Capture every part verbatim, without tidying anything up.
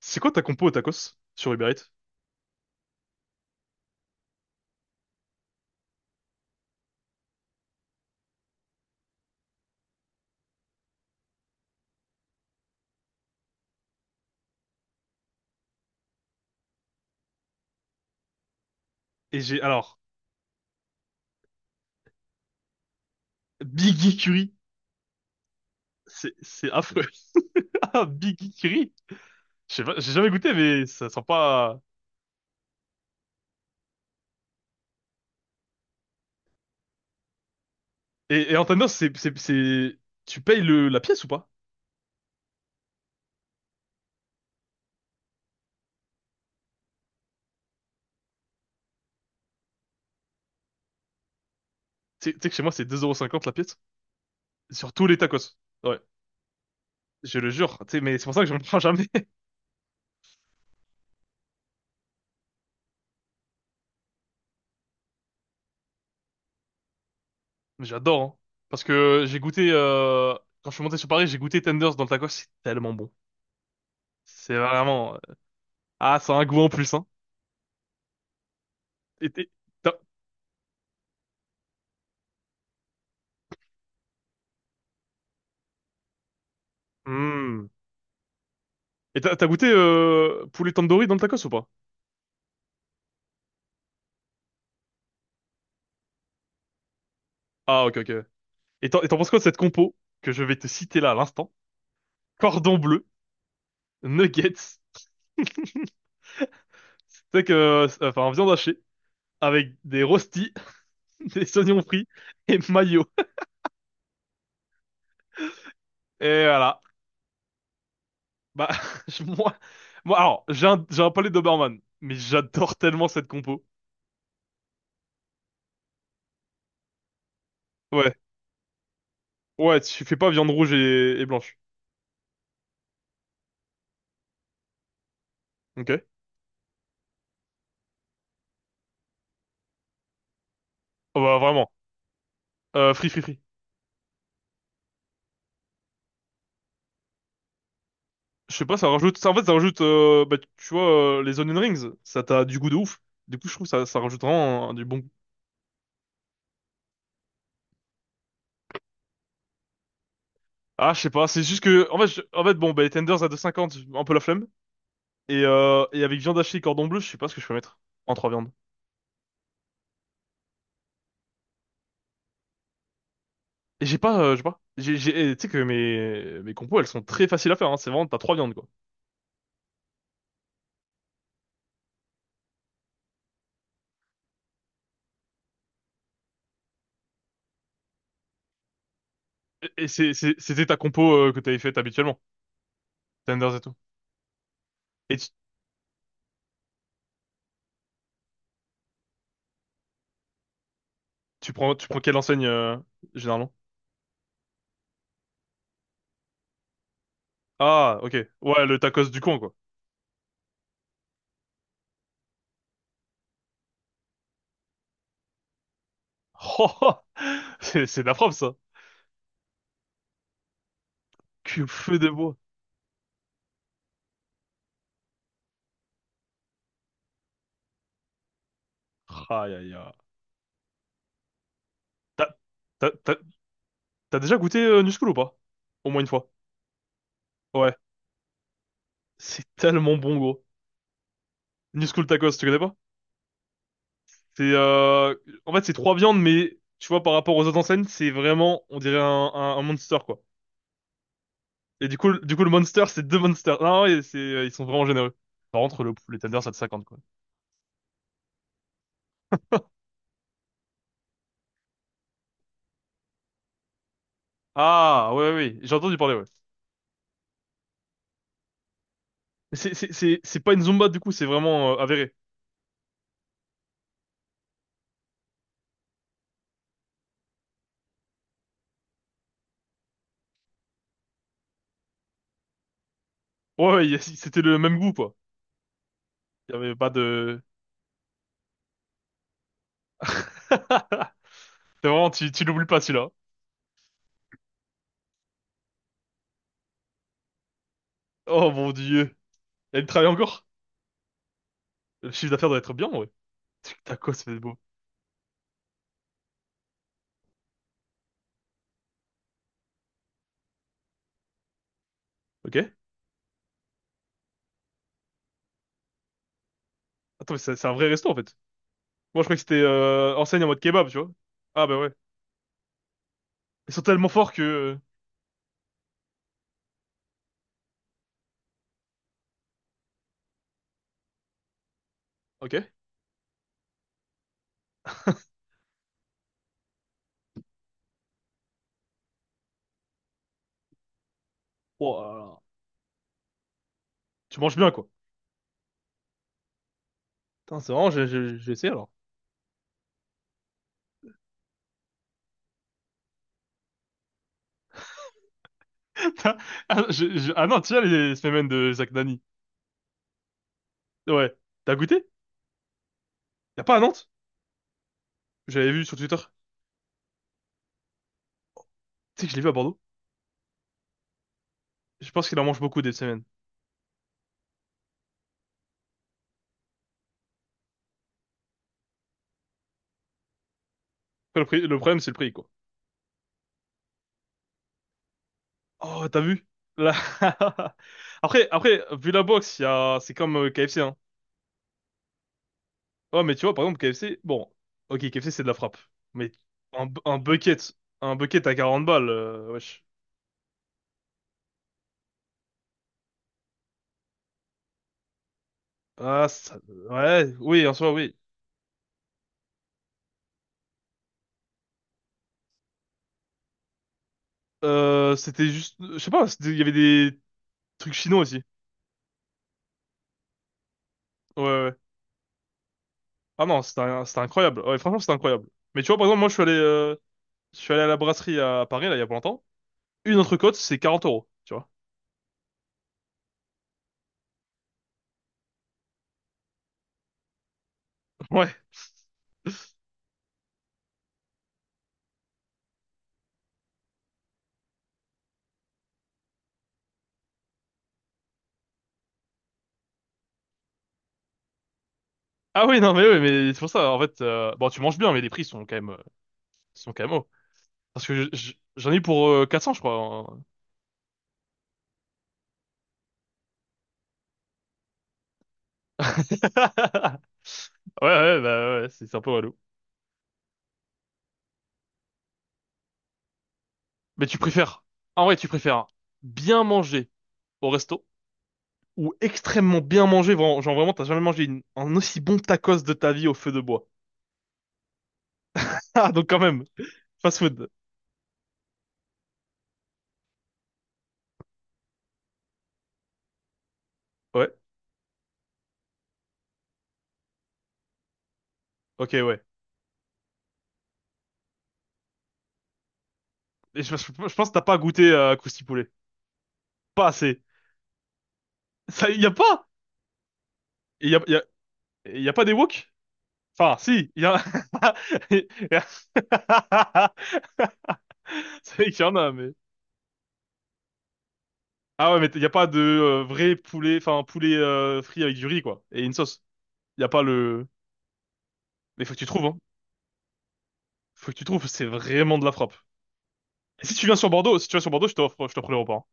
C'est quoi ta compo au tacos sur Uber Eats? Et j'ai alors. Biggie Curry, c'est c'est affreux. Ah Biggie Curry, je sais pas, j'ai jamais goûté mais ça sent pas. Et, et en tendance, c'est c'est c'est tu payes le la pièce ou pas? Tu sais tu sais que chez moi c'est deux euros cinquante la pièce sur tous les tacos. Ouais, je le jure. Tu sais, mais c'est pour ça que je me prends jamais. J'adore, hein. Parce que j'ai goûté, euh, quand je suis monté sur Paris, j'ai goûté Tenders dans le tacos, c'est tellement bon. C'est vraiment, euh, ah, ça a un goût en plus, hein. Et t'es- t'as, Hmm. Et t'as t'as goûté, euh, poulet tandoori dans le tacos ou pas? Ah, ok, ok. Et t'en et t'en penses quoi de cette compo que je vais te citer là à l'instant? Cordon bleu, nuggets, c'est que, euh, enfin, viande hachée, avec des rostis, des oignons frits et mayo. Et voilà. Bah, je- moi, moi, alors, j'ai un, j'ai un palais Doberman, mais j'adore tellement cette compo. Ouais, ouais, tu fais pas viande rouge et, et blanche. Ok. Oh, bah, vraiment. Euh, free, free, free. Je sais pas, ça rajoute, ça, en fait, ça rajoute, euh, bah, tu vois, euh, les onion rings, ça t'a du goût de ouf. Du coup, je trouve ça, ça rajoute vraiment euh, du bon goût. Ah, je sais pas, c'est juste que, en fait, je- en fait, bon, bah, les tenders à deux cinquante un peu la flemme. Et, euh, et avec viande hachée et cordon bleu, je sais pas ce que je peux mettre en trois viandes. Et j'ai pas, euh, je sais pas. J'ai, j'ai, eh, tu sais que mes, mes compos, elles sont très faciles à faire, hein. C'est vraiment, t'as trois viandes, quoi. Et c'est, c'est- c'était ta compo euh, que t'avais faite habituellement. Tenders et tout. Et tu, tu prends, tu prends quelle enseigne euh, généralement? Ah, ok. Ouais, le tacos du coin, quoi. Oh, oh, c'est c'est de la frappe, ça. Que feu de bois. Aïe, aïe, aïe. T'as, t'as, t'as- t'as déjà goûté euh, New School ou pas? Au moins une fois. Ouais. C'est tellement bon, gros. New School tacos, tu connais pas? C'est, euh, en fait, c'est trois viandes, mais tu vois, par rapport aux autres enseignes, c'est vraiment, on dirait un, un, un monster, quoi. Et du coup, le- du coup, le monster, c'est deux monsters. Non, ouais, c'est, euh, ils sont vraiment généreux. Par contre, le, les tenders, ça de cinquante, quoi. Ah, ouais, ouais, ouais. J'ai entendu parler, ouais. Mais C'est, c'est, c'est, c'est pas une Zumba, du coup, c'est vraiment euh, avéré. Ouais, ouais, il y a- c'était le même goût, quoi. Il y avait pas de... C'est vraiment, tu, tu l'oublies pas, celui-là. Oh, mon Dieu. Elle travaille encore? Le chiffre d'affaires doit être bien, ouais. Putain, quoi, ça beau. Ok. Attends, mais c'est c'est un vrai resto, en fait. Moi, je croyais que c'était euh, enseigne en mode kebab, tu vois. Ah, bah ouais. Ils sont tellement forts que... euh, Ok. Ouah. Tu manges bien, quoi. Putain, c'est vraiment, je, je, je vais essayer alors. Ah, je- je- ah non, tu as les semaines de Zach Nani. Ouais. T'as goûté? Y a pas à Nantes? J'avais vu sur Twitter. Tu sais que je l'ai vu à Bordeaux. Je pense qu'il en mange beaucoup, des semaines. Après, le prix- le problème, c'est le prix, quoi. Oh, t'as vu? Là... Après, après, vu la boxe, il y a... c'est comme euh, K F C, hein. Ouais, mais tu vois, par exemple, K F C, bon. Ok, K F C, c'est de la frappe. Mais un, bu- un bucket, un bucket à quarante balles, euh, wesh. Ah, ça... ouais, oui, en soi, oui. Euh, c'était juste, je sais pas, c'était- il y avait des truc chinois aussi. Ouais, ouais. Ah non, c'était un- c'était incroyable. Ouais, franchement, c'était incroyable. Mais tu vois, par exemple, moi, je suis allé, euh, je suis allé à la brasserie à Paris, là, il y a pas longtemps. Une entrecôte, c'est quarante euros, tu vois. Ouais. Ah oui, non, mais oui, mais c'est pour ça, en fait, euh, bon, tu manges bien, mais les prix sont quand même, euh, sont quand même hauts. Parce que je- je- j'en ai eu pour euh, quatre cents, je crois, hein. Ouais, ouais, bah ouais, c'est c'est un peu relou. Mais tu préfères, en vrai, tu préfères bien manger au resto ou extrêmement bien mangé. Vraiment, genre vraiment, t'as jamais mangé une- un aussi bon tacos de ta vie au feu de bois. Ah, donc quand même, fast food. Ouais, ok, ouais. Et je, je- pense que t'as pas goûté à Krusty Poulet. Pas assez. Ça, y a pas. Et y a, y a, y a pas des wok? Enfin, si. Y a... y a- C'est vrai qu'il y en a, mais. Ah ouais, mais y a pas de euh, vrai poulet, enfin, poulet euh, frit avec du riz, quoi. Et une sauce. Y a pas le. Mais faut que tu trouves, hein. Faut que tu trouves, c'est vraiment de la frappe. Si tu viens sur Bordeaux, si tu viens sur Bordeaux, je t'offre, je t'offre l'aéroport.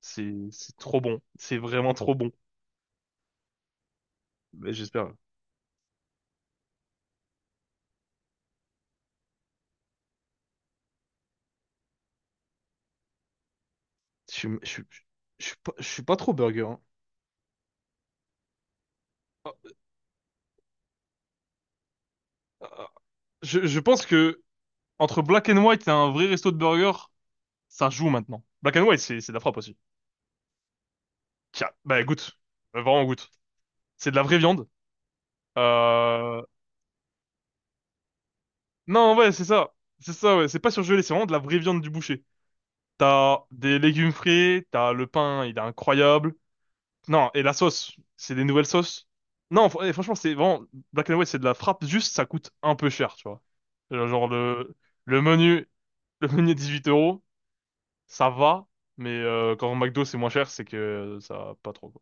C'est, c'est trop bon. C'est vraiment trop bon. Mais j'espère. Je suis, je suis, je suis pas, je suis pas trop burger, hein. Ah, ah, Je, je pense que entre Black and White et un vrai resto de burger, ça joue maintenant. Black and White, c'est, c'est de la frappe aussi. Tiens, bah goûte. Euh, Vraiment goûte. C'est de la vraie viande. Euh... Non, ouais, c'est ça. C'est ça, ouais. C'est pas surgelé, c'est vraiment de la vraie viande du boucher. T'as des légumes frais, t'as le pain, il est incroyable. Non, et la sauce, c'est des nouvelles sauces. Non, fr- eh, franchement, c'est vraiment Black and White, c'est de la frappe. Juste, ça coûte un peu cher, tu vois. Euh, Genre le le menu, le menu est dix-huit euros, ça va. Mais euh, quand au McDo c'est moins cher, c'est que ça va pas trop.